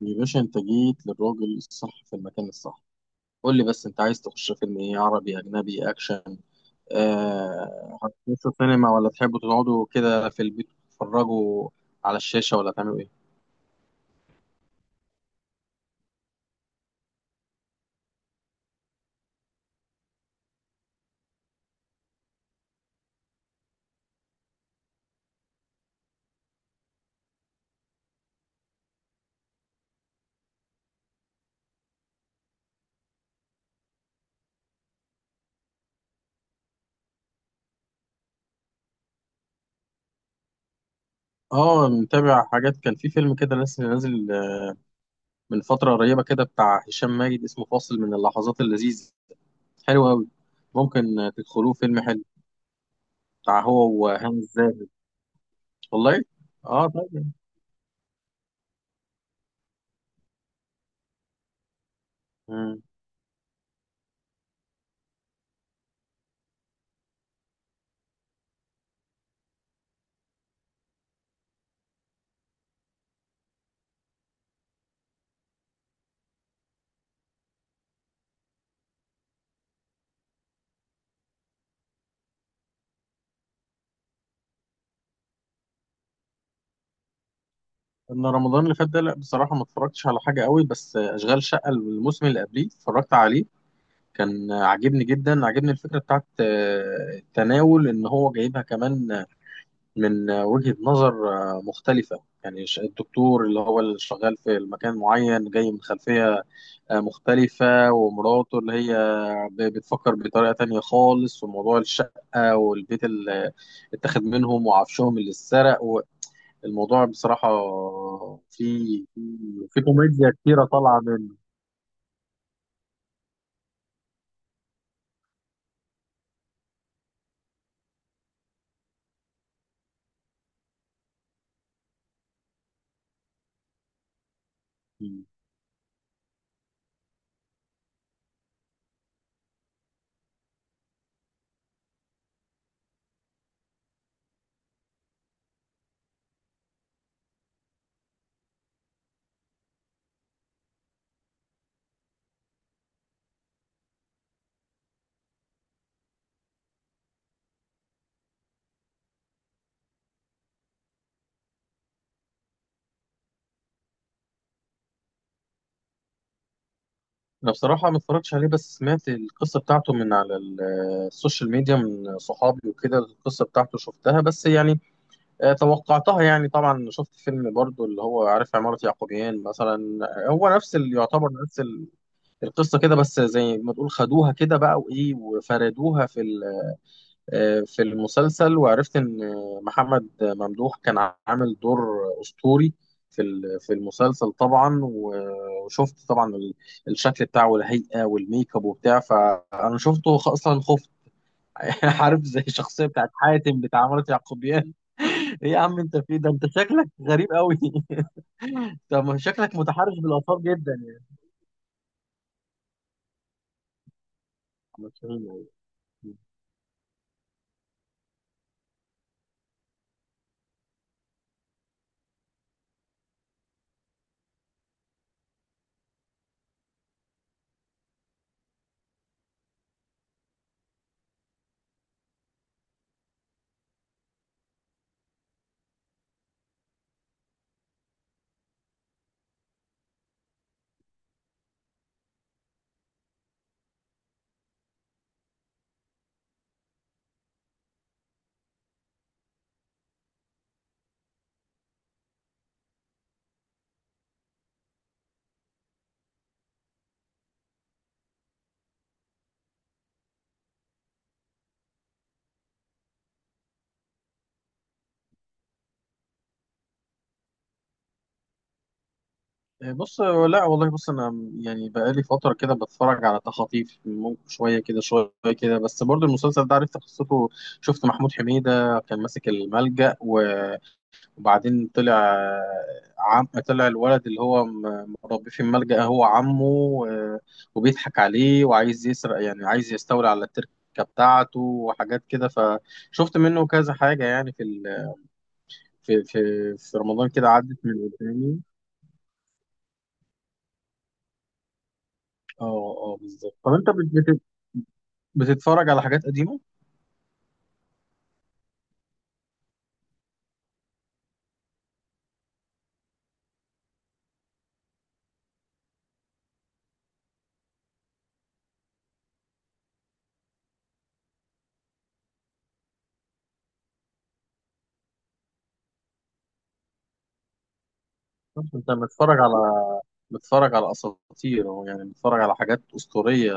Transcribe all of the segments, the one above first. يا باشا انت جيت للراجل الصح في المكان الصح. قول لي بس، انت عايز تخش فيلم ايه؟ عربي، اجنبي، اكشن؟ آه، هتخشوا سينما ولا تحبوا تقعدوا كده في البيت تتفرجوا على الشاشة ولا تعملوا ايه؟ اه متابع حاجات، كان في فيلم كده لسه نازل من فترة قريبة كده بتاع هشام ماجد، اسمه فاصل من اللحظات اللذيذة. حلو قوي. ممكن تدخلوه، فيلم حلو بتاع هو وهاني الزاهد. والله. اه طيب. انا رمضان اللي فات ده لا بصراحه ما اتفرجتش على حاجه قوي، بس اشغال شقه الموسم اللي قبليه اتفرجت عليه. كان عاجبني جدا، عاجبني الفكره بتاعت التناول، ان هو جايبها كمان من وجهه نظر مختلفه. يعني الدكتور اللي هو اللي شغال في المكان معين جاي من خلفيه مختلفه، ومراته اللي هي بتفكر بطريقه تانية خالص. وموضوع الشقه والبيت اللي اتاخد منهم وعفشهم اللي اتسرق، الموضوع بصراحة في في كوميديا كتيرة طالعة منه. أنا بصراحة ما اتفرجتش عليه بس سمعت القصة بتاعته من على السوشيال ميديا، من صحابي وكده. القصة بتاعته شفتها، بس يعني توقعتها. يعني طبعا شفت فيلم برضو اللي هو عارف، عمارة يعقوبيان مثلا، هو نفس اللي يعتبر نفس القصة كده، بس زي ما تقول خدوها كده بقى وإيه، وفردوها في في المسلسل. وعرفت ان محمد ممدوح كان عامل دور اسطوري في في المسلسل طبعا. وشفت طبعا الشكل بتاعه والهيئه والميك اب وبتاع، فانا شفته اصلا خفت. عارف، زي الشخصيه بتاعت حاتم بتاع عمارة يعقوبيان. ايه يا عم انت في ده؟ انت شكلك غريب قوي. طب ما شكلك متحرش بالاثار جدا يعني. مش فاهم أوي. بص، لا والله، بص انا يعني بقالي فتره كده بتفرج على تخاطيف، ممكن شويه كده شويه كده. بس برضو المسلسل ده عرفت قصته، شفت محمود حميده كان ماسك الملجأ وبعدين طلع، طلع الولد اللي هو مربيه في الملجأ هو عمه، وبيضحك عليه وعايز يسرق، يعني عايز يستولي على التركه بتاعته وحاجات كده. فشفت منه كذا حاجه يعني في في في رمضان كده عدت من قدامي. اه، اه بالظبط. طب انت بتتفرج على حاجات قديمة؟ طب انت متفرج على، متفرج على اساطير أهو، يعني متفرج على حاجات اسطورية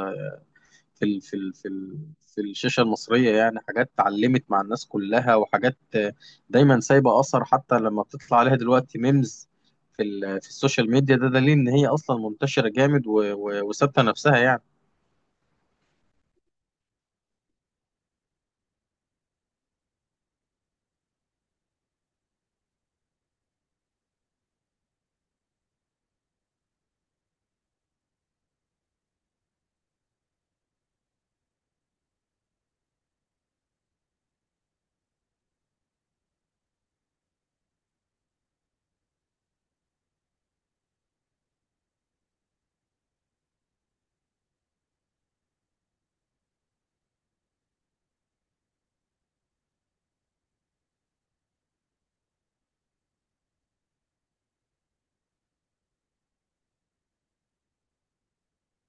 في في الشاشة المصرية. يعني حاجات اتعلمت مع الناس كلها، وحاجات دايما سايبة اثر، حتى لما بتطلع عليها دلوقتي ميمز في في السوشيال ميديا، ده دليل ان هي اصلا منتشرة جامد وثابتة نفسها يعني.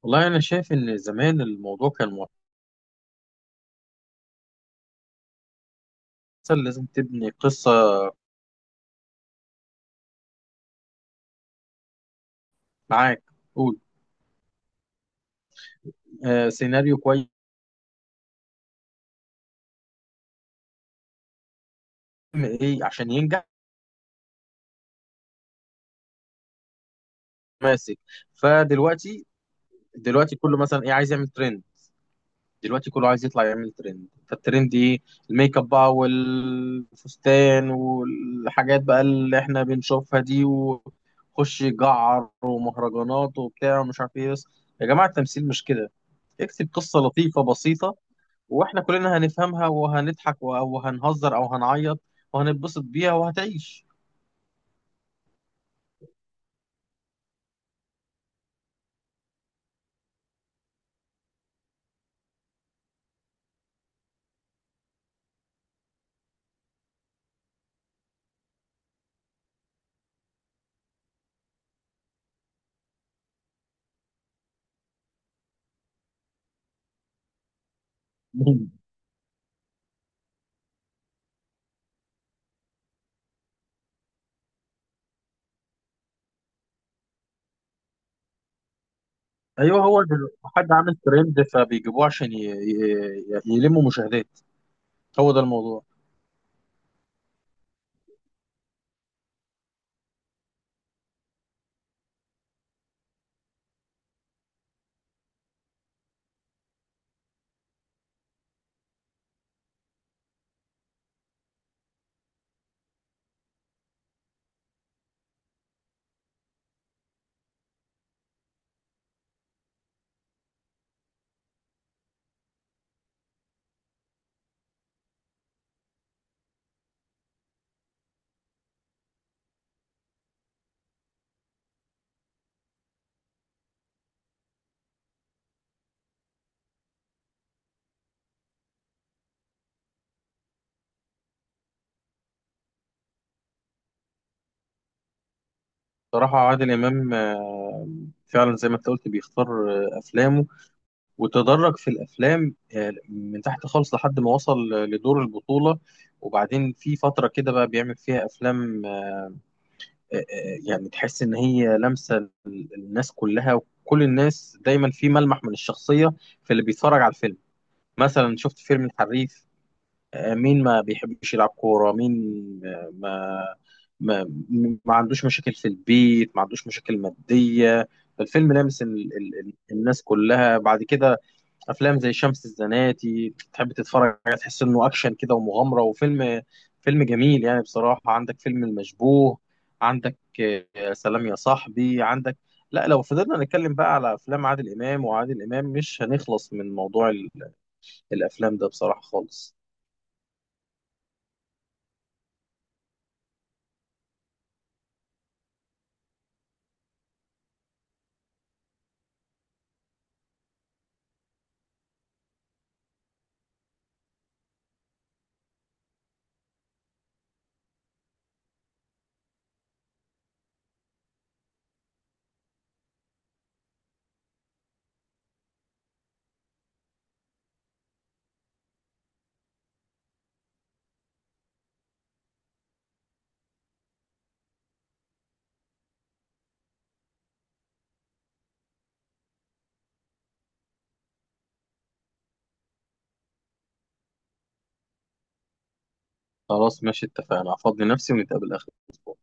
والله انا شايف ان زمان الموضوع كان مؤثر، لازم تبني قصة. معاك، قول. سيناريو كويس، ايه عشان ينجح. ماسك. فدلوقتي، دلوقتي كله مثلا ايه، عايز يعمل ترند. دلوقتي كله عايز يطلع يعمل ترند، فالترند ايه؟ الميك اب بقى والفستان والحاجات بقى اللي احنا بنشوفها دي، وخش جعر ومهرجانات وبتاع ومش عارف ايه. بس يا جماعة التمثيل مش كده، اكتب قصة لطيفة بسيطة واحنا كلنا هنفهمها، وهنضحك وهنهزر او هنعيط وهنتبسط بيها وهتعيش. ايوه، هو دل- حد عامل ترند فبيجيبوه عشان يلموا مشاهدات، هو ده الموضوع. صراحة عادل إمام فعلا زي ما انت قلت بيختار أفلامه وتدرج في الأفلام من تحت خالص لحد ما وصل لدور البطولة. وبعدين في فترة كده بقى بيعمل فيها أفلام، يعني تحس إن هي لمسة الناس كلها، وكل الناس دايما في ملمح من الشخصية في اللي بيتفرج على الفيلم. مثلا شفت فيلم الحريف، مين ما بيحبش يلعب كورة؟ مين آه، ما ما ما عندوش مشاكل في البيت، ما عندوش مشاكل مادية؟ فالفيلم لامس ال ال ال الناس كلها. بعد كده أفلام زي شمس الزناتي تحب تتفرج عليها، تحس إنه أكشن كده ومغامرة وفيلم، فيلم جميل. يعني بصراحة عندك فيلم المشبوه، عندك سلام يا صاحبي، عندك، لا لو فضلنا نتكلم بقى على أفلام عادل إمام، وعادل إمام مش هنخلص من موضوع الأفلام ده بصراحة خالص. خلاص ماشي، اتفقنا، هفضي نفسي ونتقابل آخر الأسبوع.